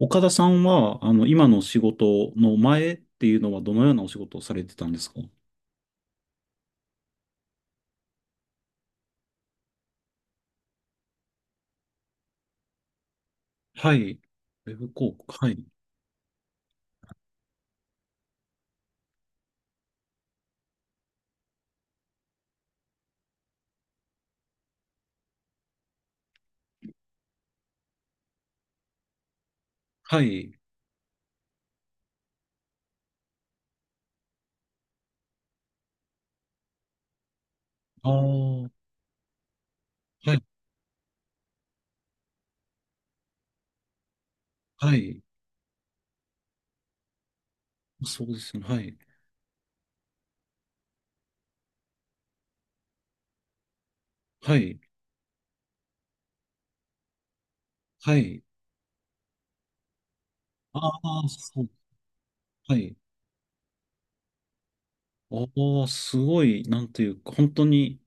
岡田さんは、今の仕事の前っていうのはどのようなお仕事をされてたんですか？はい。ウェブ広告。はい。はい。ああ、はい、はい。そうですね。はい。はい。はい。ああ、そう。はい。ああ、すごい、なんていうか、本当に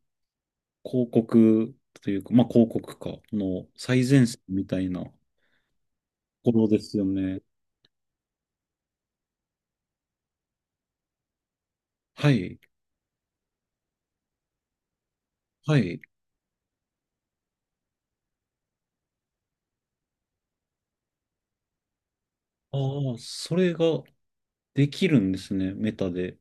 広告というか、まあ広告か、の最前線みたいなところですよね。はい。はい。ああ、それができるんですね、メタで。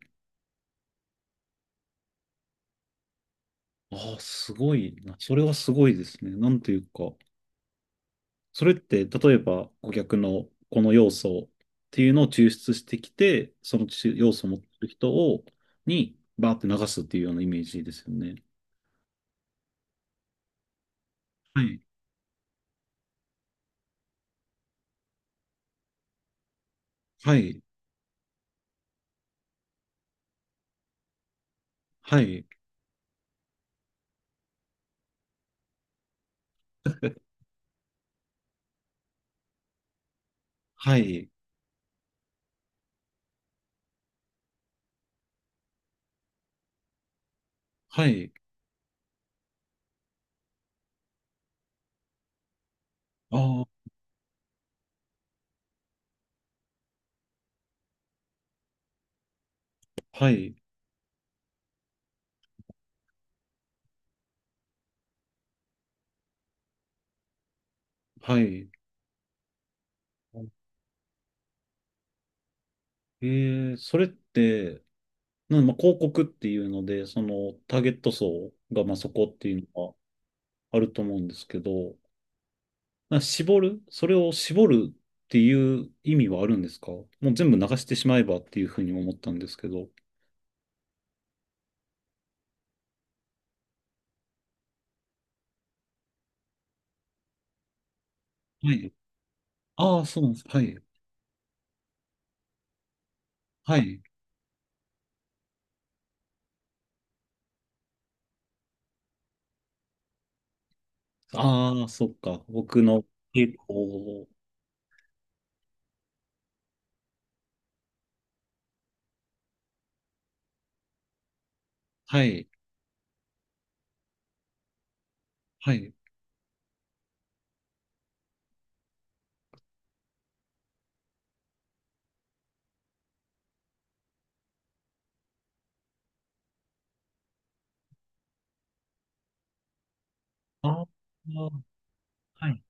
ああ、すごいな。それはすごいですね。なんというか、それって、例えば、顧客のこの要素っていうのを抽出してきて、その要素を持ってる人を、に、バーって流すっていうようなイメージですよね。はい。はい。はい。はい。はい。ああ、はい。はい。えそれって、まあ、広告っていうので、そのターゲット層がまあそこっていうのはあると思うんですけど、な絞るそれを絞るっていう意味はあるんですか？もう全部流してしまえばっていうふうに思ったんですけど。はい。ああ、そうなんです。はい。はい。ああ、そっか。僕の傾向。はい。はい。ああ、はい。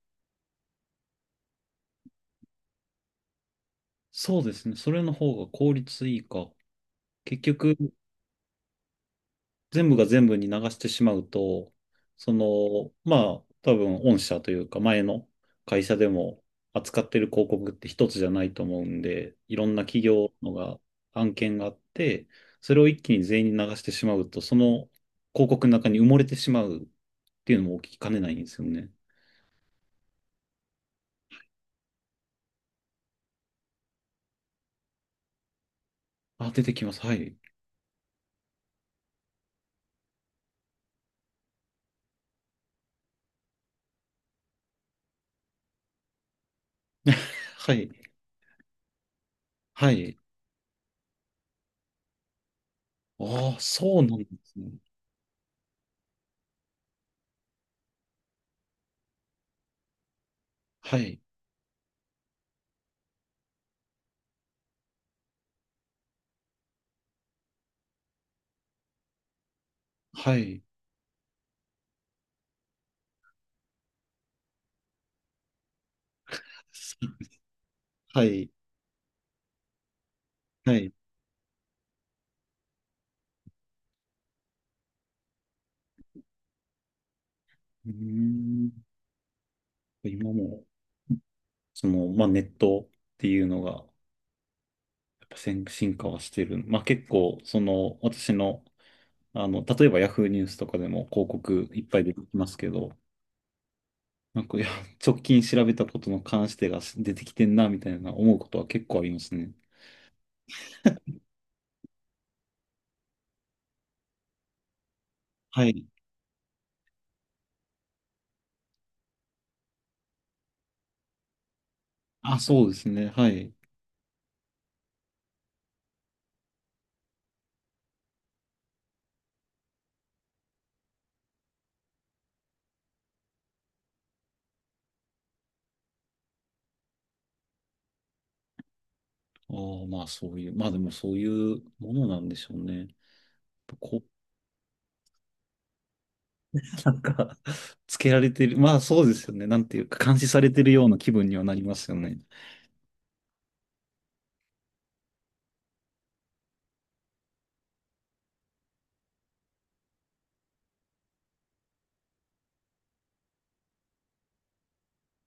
そうですね。それの方が効率いいか。結局、全部が全部に流してしまうと、その、まあ、多分、御社というか、前の会社でも扱ってる広告って一つじゃないと思うんで、いろんな企業のが、案件があって、それを一気に全員に流してしまうと、その広告の中に埋もれてしまうっていうのも起きかねないんですよね。あ、出てきます。はい。はい。はい。ああ、そうなんですね。はい。はい。はい。はい。うーん。今も。その、まあ、ネットっていうのが、やっぱ先進化はしてる。まあ、結構、その、私の、例えばヤフーニュースとかでも広告いっぱい出てきますけど、なんか、いや、直近調べたことの関してが出てきてんな、みたいな思うことは結構ありますね。はい。あ、そうですね。はい。あーまあ、そういう、まあ、でもそういうものなんでしょうね。こう、なんか つけられてる。まあ、そうですよね。なんていうか、監視されてるような気分にはなりますよね。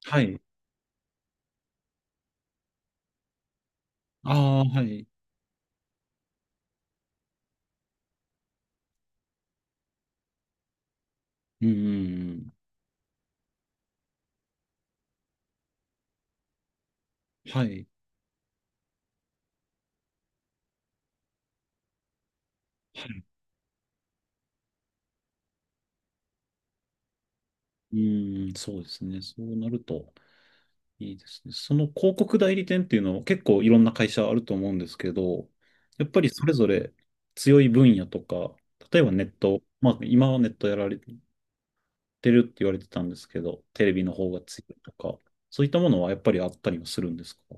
はい。ああ、はい。うんうんうん。はい。はい。うん、そうですね。そうなるといいですね。その広告代理店っていうのは結構いろんな会社あると思うんですけど、やっぱりそれぞれ強い分野とか、例えばネット、まあ今はネットやられてるって言われてたんですけど、テレビの方が強いとか、そういったものはやっぱりあったりはするんですか？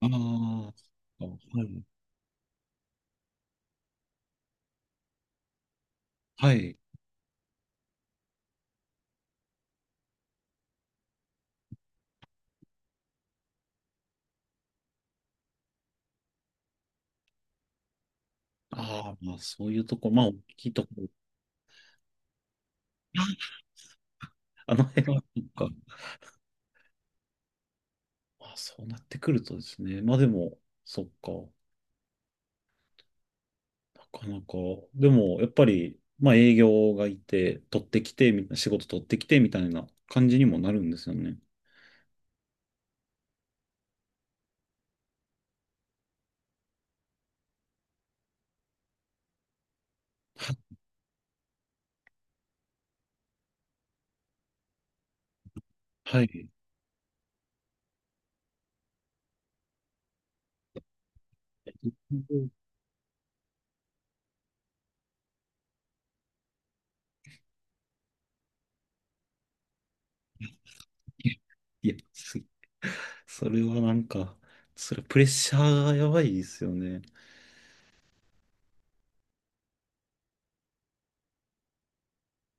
ああー、あはい。はい。ああ、まあそういうとこ、まあ大きいところ。あの辺は、そっか。あ、そうなってくるとですね。まあでも、そっか。なかなか。でも、やっぱり、まあ営業がいて、取ってきて、みたいな、仕事取ってきて、みたいな感じにもなるんですよね。はい。いや、いやすそれはなんか、それプレッシャーがやばいですよね。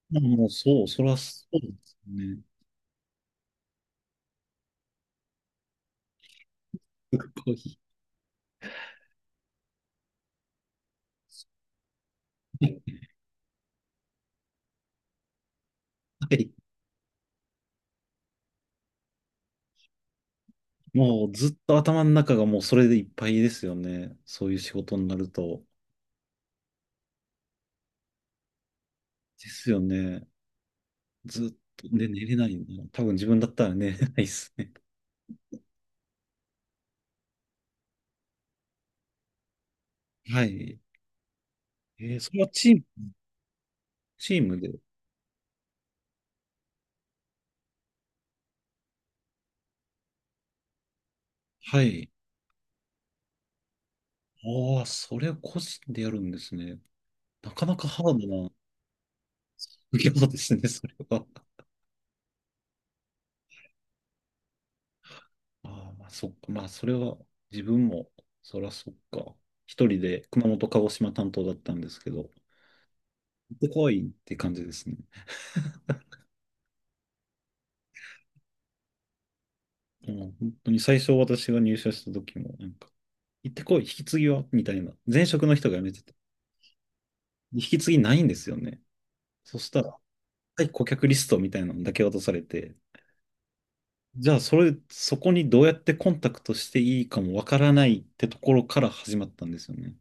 まあもうそう、そらそうですね。すごい。はい。もうずっと頭の中がもうそれでいっぱいですよね。そういう仕事になると。ですよね。ずっと、で、寝れないよな。多分自分だったら寝れ ないですね。はい。それはチームで。はい。ああ、それは個人でやるんですね。なかなかハードな 副業ですね、それは。ああ、まあ、そっか。まあ、それは自分も、そらそっか。一人で熊本、鹿児島担当だったんですけど、行ってこいって感じですね。もう本当に最初私が入社した時も、なんか、行ってこい、引き継ぎはみたいな。前職の人が辞めてて、引き継ぎないんですよね。そしたら、はい、顧客リストみたいなのだけ渡されて、じゃあそれ、そこにどうやってコンタクトしていいかもわからないってところから始まったんですよね。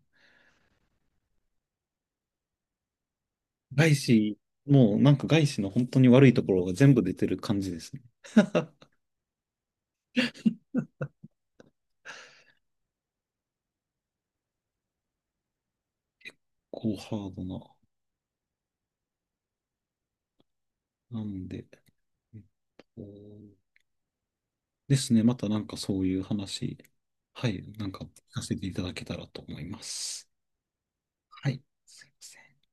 外資、もうなんか外資の本当に悪いところが全部出てる感じですね。こうハードな。なんで、えっと、ですね、またなんかそういう話、はい、なんか聞かせていただけたらと思います。はい、すいません。